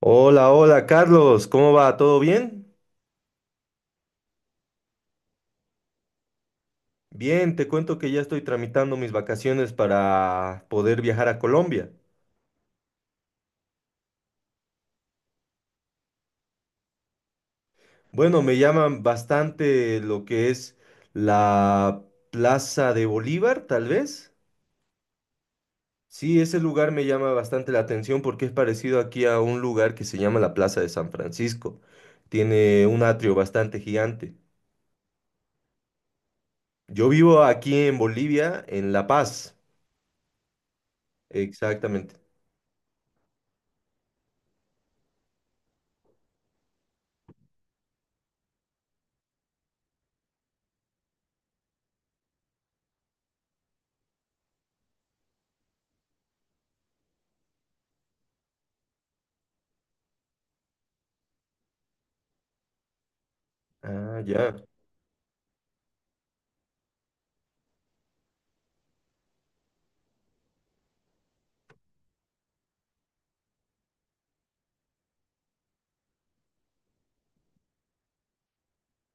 Hola, hola Carlos, ¿cómo va? ¿Todo bien? Bien, te cuento que ya estoy tramitando mis vacaciones para poder viajar a Colombia. Bueno, me llaman bastante lo que es la Plaza de Bolívar, tal vez. Sí, ese lugar me llama bastante la atención porque es parecido aquí a un lugar que se llama la Plaza de San Francisco. Tiene un atrio bastante gigante. Yo vivo aquí en Bolivia, en La Paz. Exactamente. Ah, ya.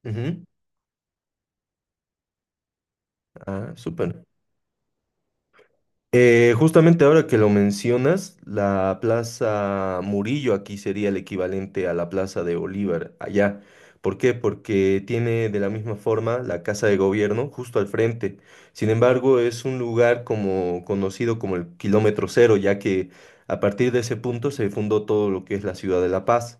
Ujú. Ah, súper. Justamente ahora que lo mencionas, la Plaza Murillo aquí sería el equivalente a la Plaza de Bolívar allá. ¿Por qué? Porque tiene de la misma forma la Casa de Gobierno justo al frente. Sin embargo, es un lugar como conocido como el kilómetro cero, ya que a partir de ese punto se fundó todo lo que es la ciudad de La Paz.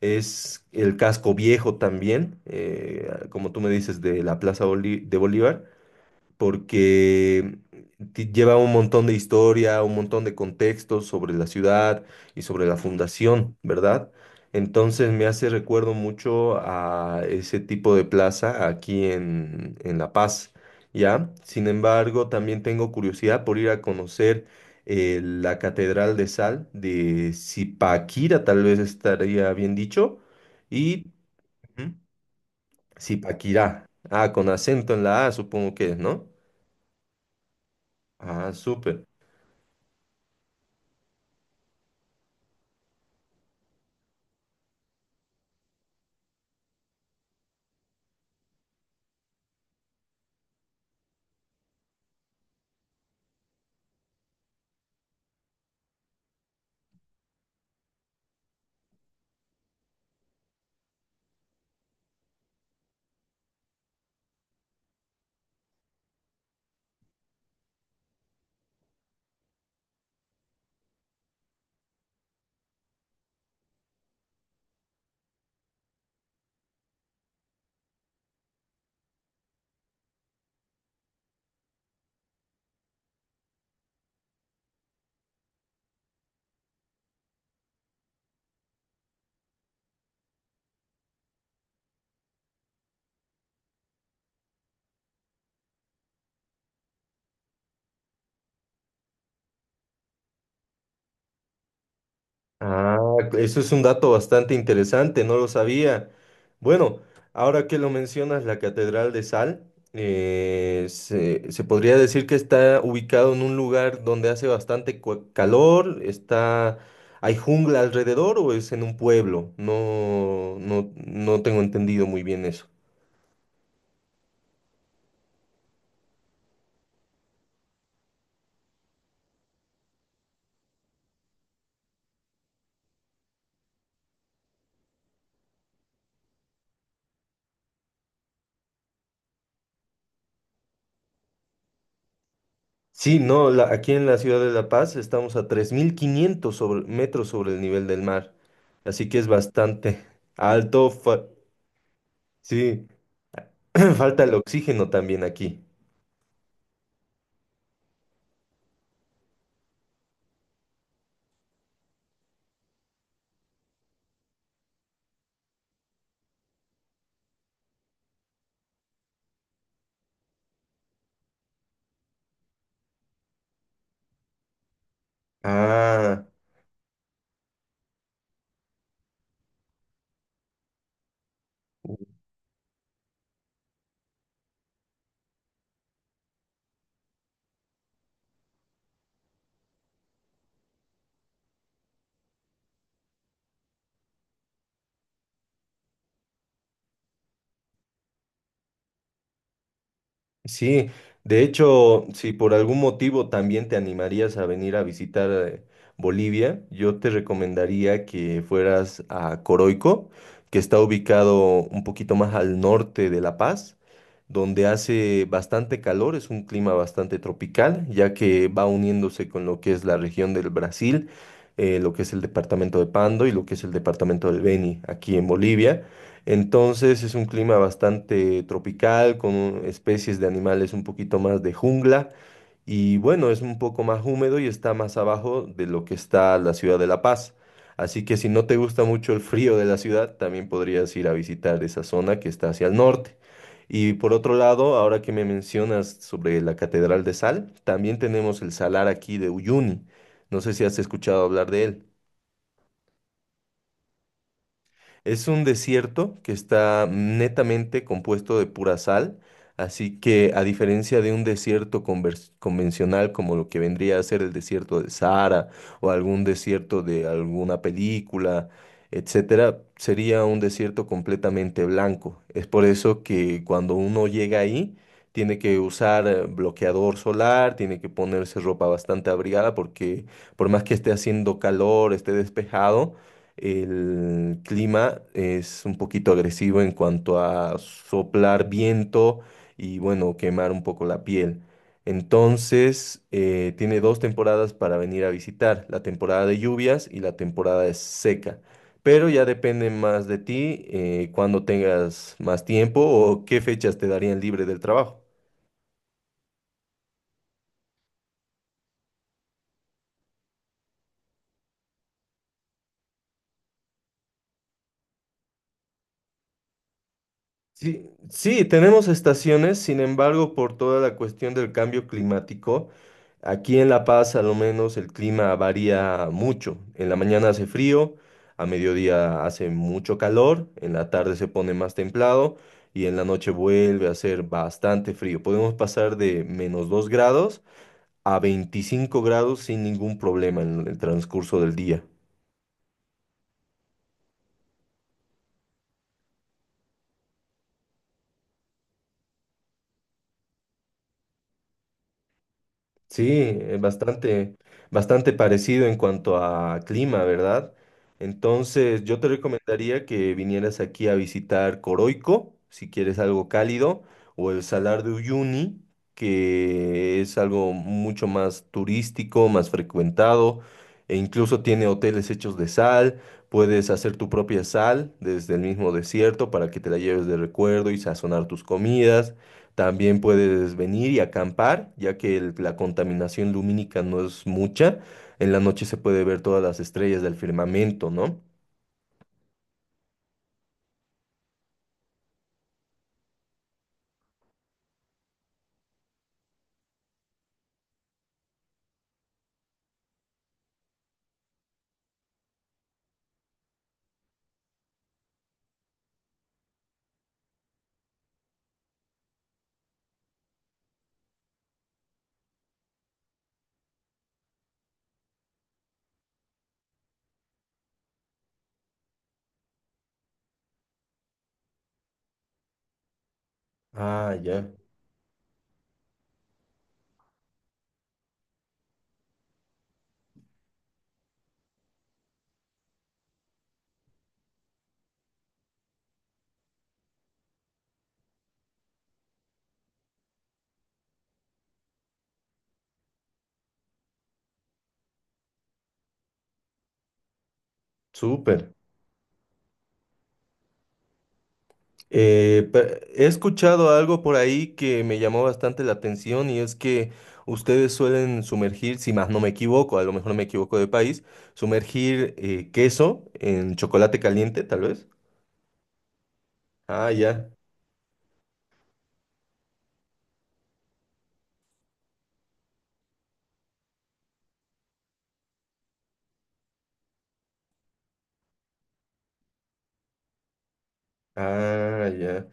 Es el casco viejo también, como tú me dices, de la de Bolívar porque lleva un montón de historia, un montón de contextos sobre la ciudad y sobre la fundación, ¿verdad? Entonces me hace recuerdo mucho a ese tipo de plaza aquí en La Paz, ¿ya? Sin embargo, también tengo curiosidad por ir a conocer la Catedral de Sal de Zipaquira, tal vez estaría bien dicho, y ujú, Zipaquirá. Ah, con acento en la A, supongo que es, ¿no? Ah, súper. Ah, eso es un dato bastante interesante, no lo sabía. Bueno, ahora que lo mencionas, la Catedral de Sal, se podría decir que está ubicado en un lugar donde hace bastante calor, está, ¿hay jungla alrededor o es en un pueblo? No, no, no tengo entendido muy bien eso. Sí, no, aquí en la ciudad de La Paz estamos a 3.500 metros sobre el nivel del mar, así que es bastante alto. Sí, falta el oxígeno también aquí. Ah, sí. De hecho, si por algún motivo también te animarías a venir a visitar Bolivia, yo te recomendaría que fueras a Coroico, que está ubicado un poquito más al norte de La Paz, donde hace bastante calor, es un clima bastante tropical, ya que va uniéndose con lo que es la región del Brasil, lo que es el departamento de Pando y lo que es el departamento del Beni, aquí en Bolivia. Entonces es un clima bastante tropical, con especies de animales un poquito más de jungla y bueno, es un poco más húmedo y está más abajo de lo que está la ciudad de La Paz. Así que si no te gusta mucho el frío de la ciudad, también podrías ir a visitar esa zona que está hacia el norte. Y por otro lado, ahora que me mencionas sobre la Catedral de Sal, también tenemos el salar aquí de Uyuni. No sé si has escuchado hablar de él. Es un desierto que está netamente compuesto de pura sal, así que a diferencia de un desierto convencional como lo que vendría a ser el desierto de Sahara o algún desierto de alguna película, etcétera, sería un desierto completamente blanco. Es por eso que cuando uno llega ahí tiene que usar bloqueador solar, tiene que ponerse ropa bastante abrigada porque por más que esté haciendo calor, esté despejado, el clima es un poquito agresivo en cuanto a soplar viento y bueno, quemar un poco la piel. Entonces, tiene dos temporadas para venir a visitar, la temporada de lluvias y la temporada de seca. Pero ya depende más de ti, cuando tengas más tiempo o qué fechas te darían libre del trabajo. Sí, sí, tenemos estaciones, sin embargo, por toda la cuestión del cambio climático, aquí en La Paz, a lo menos, el clima varía mucho. En la mañana hace frío, a mediodía hace mucho calor, en la tarde se pone más templado y en la noche vuelve a hacer bastante frío. Podemos pasar de -2 grados a 25 grados sin ningún problema en el transcurso del día. Sí, bastante, bastante parecido en cuanto a clima, ¿verdad? Entonces, yo te recomendaría que vinieras aquí a visitar Coroico, si quieres algo cálido, o el Salar de Uyuni, que es algo mucho más turístico, más frecuentado, e incluso tiene hoteles hechos de sal. Puedes hacer tu propia sal desde el mismo desierto para que te la lleves de recuerdo y sazonar tus comidas. También puedes venir y acampar, ya que la contaminación lumínica no es mucha. En la noche se puede ver todas las estrellas del firmamento, ¿no? Ah, ya, súper. He escuchado algo por ahí que me llamó bastante la atención y es que ustedes suelen sumergir, si más no me equivoco, a lo mejor me equivoco de país, sumergir queso en chocolate caliente, tal vez. Ah, ya. Ah, ya.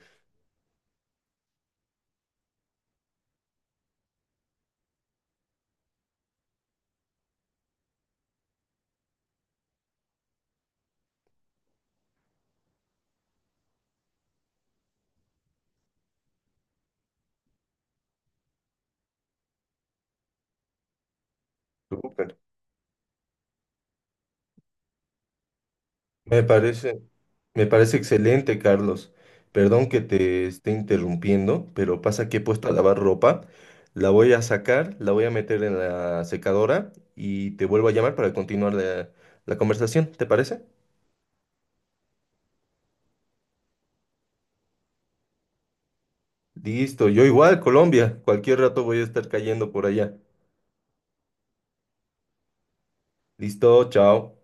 Súper. Me parece, me parece excelente, Carlos. Perdón que te esté interrumpiendo, pero pasa que he puesto a lavar ropa. La voy a sacar, la voy a meter en la secadora y te vuelvo a llamar para continuar la conversación, ¿te parece? Listo, yo igual, Colombia. Cualquier rato voy a estar cayendo por allá. Listo, chao.